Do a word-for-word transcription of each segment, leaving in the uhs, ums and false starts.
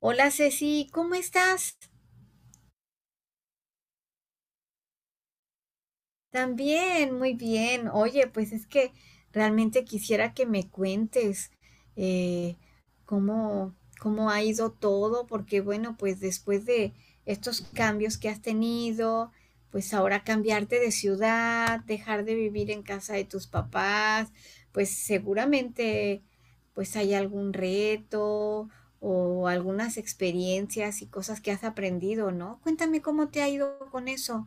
Hola, Ceci, ¿cómo estás? También, muy bien. Oye, pues es que realmente quisiera que me cuentes eh, cómo, cómo ha ido todo, porque bueno, pues después de estos cambios que has tenido, pues ahora cambiarte de ciudad, dejar de vivir en casa de tus papás, pues seguramente pues hay algún reto o algunas experiencias y cosas que has aprendido, ¿no? Cuéntame cómo te ha ido con eso.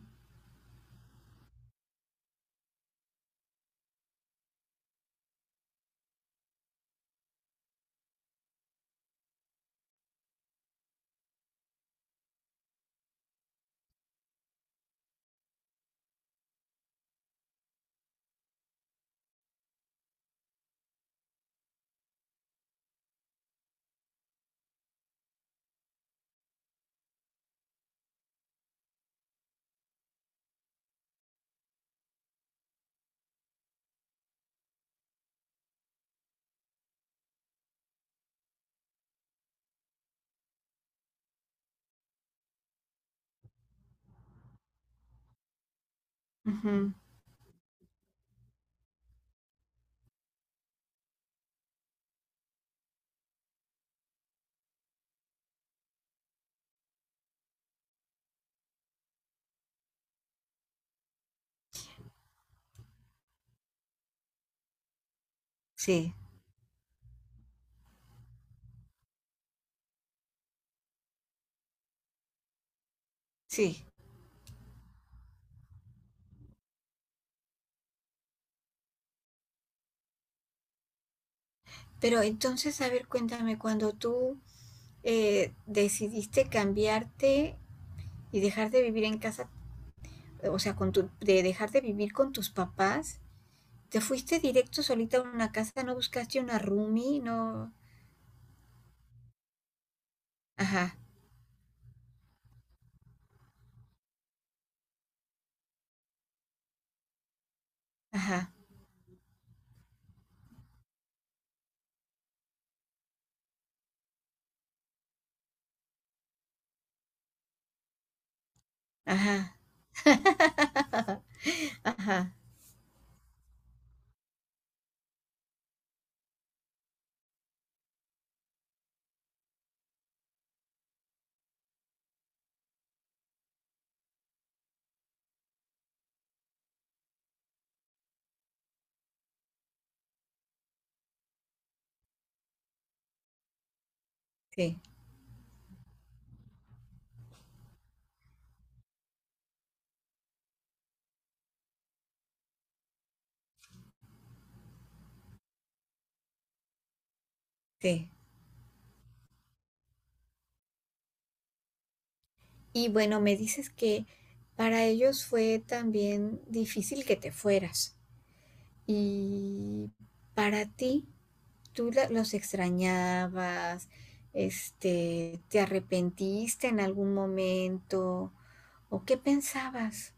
Ujú. Sí. Sí, pero entonces, a ver, cuéntame, cuando tú eh, decidiste cambiarte y dejar de vivir en casa, o sea, con tu, de dejar de vivir con tus papás, ¿te fuiste directo solita a una casa? ¿No buscaste una roomie? No. Ajá, ajá, ajá. Ajá, sí, sí. Y bueno, me dices que para ellos fue también difícil que te fueras. Y para ti, tú la- los extrañabas, este, ¿te arrepentiste en algún momento o qué pensabas?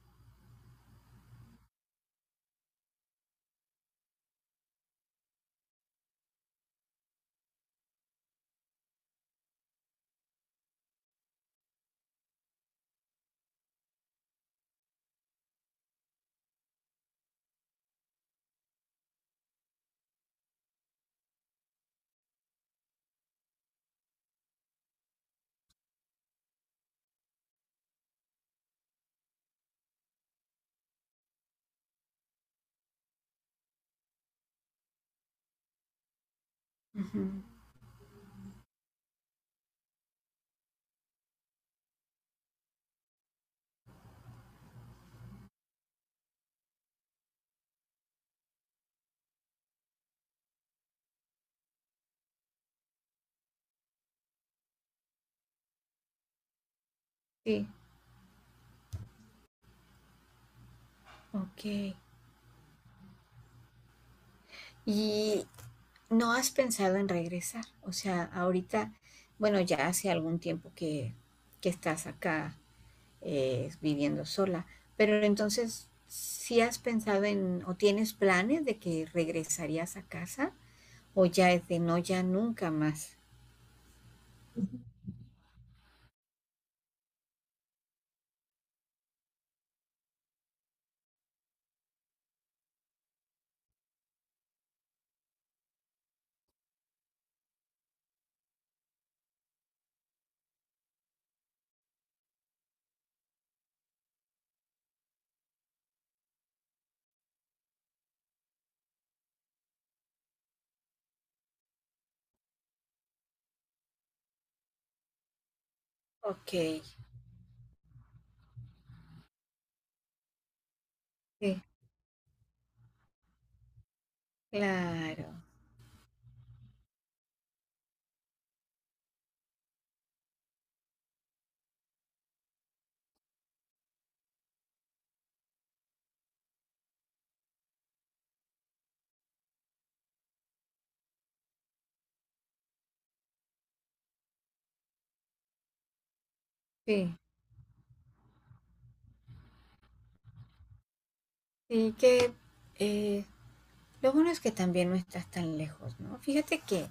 Ujú. Sí, ok. ¿Y no has pensado en regresar? O sea, ahorita, bueno, ya hace algún tiempo que, que estás acá eh, viviendo sola, pero entonces, ¿sí has pensado en o tienes planes de que regresarías a casa o ya es de no, ya nunca más? Ok, sí. Claro, sí, sí que eh, lo bueno es que también no estás tan lejos, ¿no? Fíjate que,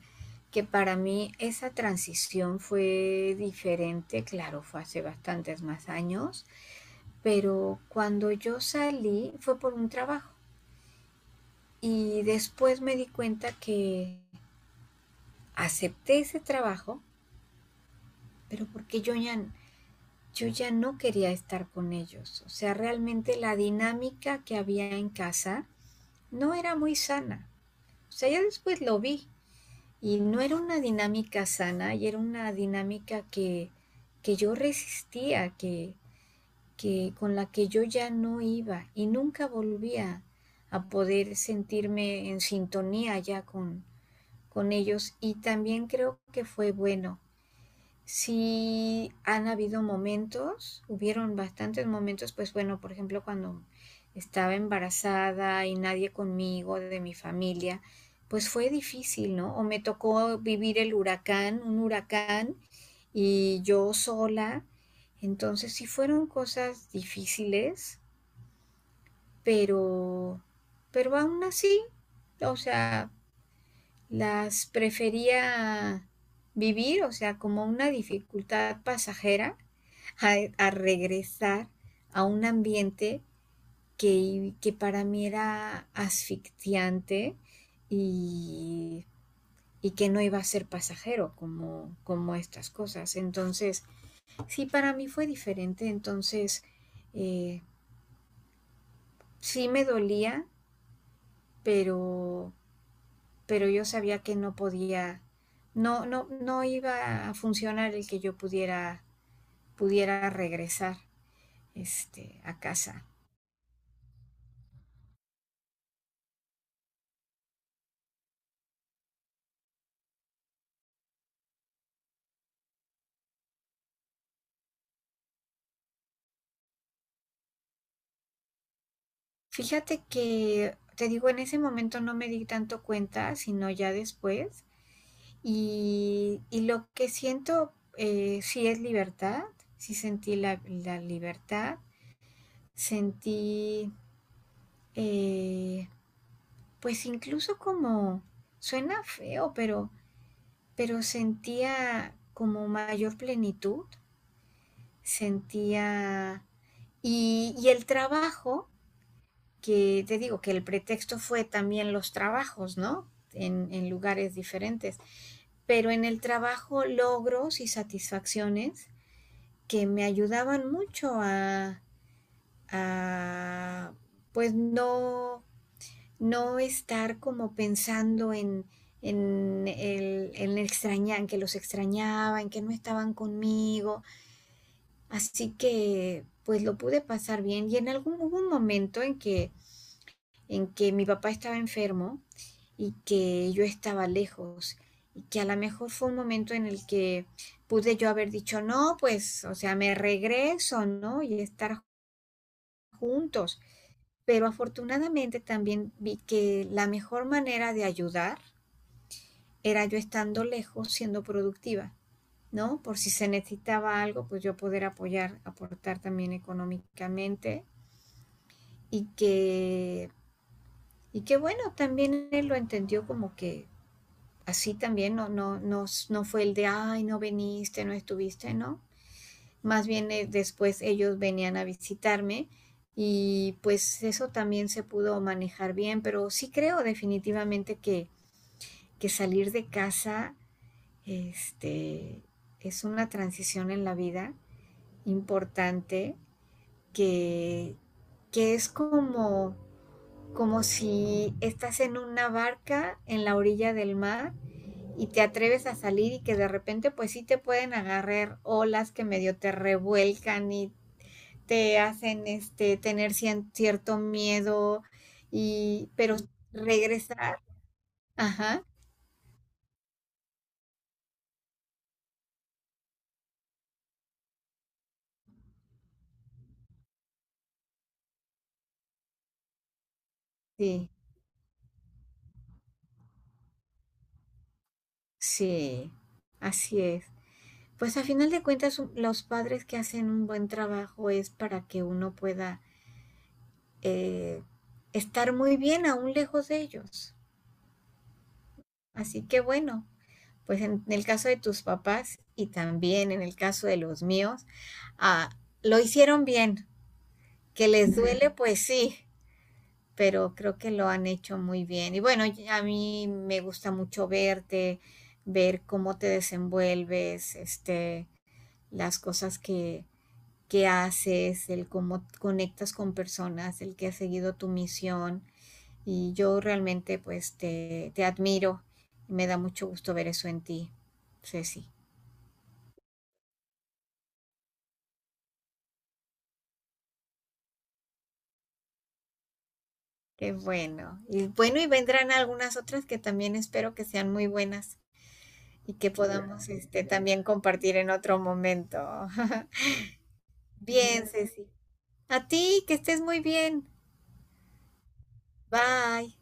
que para mí esa transición fue diferente, claro, fue hace bastantes más años, pero cuando yo salí fue por un trabajo y después me di cuenta que acepté ese trabajo, pero porque yo ya, yo ya no quería estar con ellos, o sea, realmente la dinámica que había en casa no era muy sana. O sea, ya después lo vi y no era una dinámica sana y era una dinámica que, que yo resistía, que, que con la que yo ya no iba y nunca volvía a poder sentirme en sintonía ya con, con ellos y también creo que fue bueno. Sí, han habido momentos, hubieron bastantes momentos, pues bueno, por ejemplo, cuando estaba embarazada y nadie conmigo de mi familia, pues fue difícil, ¿no? O me tocó vivir el huracán, un huracán, y yo sola. Entonces sí fueron cosas difíciles, pero, pero aún así, o sea, las prefería vivir, o sea, como una dificultad pasajera, a, a regresar a un ambiente que, que para mí era asfixiante y, y que no iba a ser pasajero como, como estas cosas. Entonces, sí, para mí fue diferente, entonces eh, sí me dolía, pero pero yo sabía que no podía, no, no, no iba a funcionar el que yo pudiera, pudiera regresar este, a casa. Fíjate que, te digo, en ese momento no me di tanto cuenta, sino ya después. Y, y lo que siento eh, sí es libertad, sí sentí la, la libertad, sentí, eh, pues incluso como, suena feo, pero pero sentía como mayor plenitud, sentía... Y, y el trabajo, que te digo que el pretexto fue también los trabajos, ¿no? En, en lugares diferentes, pero en el trabajo logros y satisfacciones que me ayudaban mucho a, a pues no, no estar como pensando en, en el, en el extrañar, en que los extrañaba, en que no estaban conmigo. Así que, pues lo pude pasar bien y en algún hubo un momento en que en que mi papá estaba enfermo y que yo estaba lejos y que a lo mejor fue un momento en el que pude yo haber dicho, "No, pues, o sea, me regreso, ¿no? Y estar juntos". Pero afortunadamente también vi que la mejor manera de ayudar era yo estando lejos siendo productiva. ¿No? Por si se necesitaba algo, pues yo poder apoyar, aportar también económicamente y que, y que bueno, también él lo entendió como que así también no, no, no, no fue el de, ay, no viniste, no estuviste, ¿no? Más bien eh, después ellos venían a visitarme y pues eso también se pudo manejar bien, pero sí creo definitivamente que, que salir de casa este, es una transición en la vida importante que, que es como como si estás en una barca en la orilla del mar y te atreves a salir y que de repente pues sí te pueden agarrar olas que medio te revuelcan y te hacen este tener cien- cierto miedo y pero regresar, ajá, sí, sí, así es. Pues a final de cuentas un- los padres que hacen un buen trabajo es para que uno pueda eh, estar muy bien aún lejos de ellos. Así que bueno, pues en el caso de tus papás y también en el caso de los míos, ah, lo hicieron bien. Que les duele, pues sí, pero creo que lo han hecho muy bien. Y bueno, y a mí me gusta mucho verte, ver cómo te desenvuelves, este, las cosas que, que haces, el cómo conectas con personas, el que has seguido tu misión. Y yo realmente pues te, te admiro y me da mucho gusto ver eso en ti, Ceci. Qué bueno. Y bueno, y vendrán algunas otras que también espero que sean muy buenas y que podamos este, también compartir en otro momento. Bien, Ceci. A ti, que estés muy bien. Bye.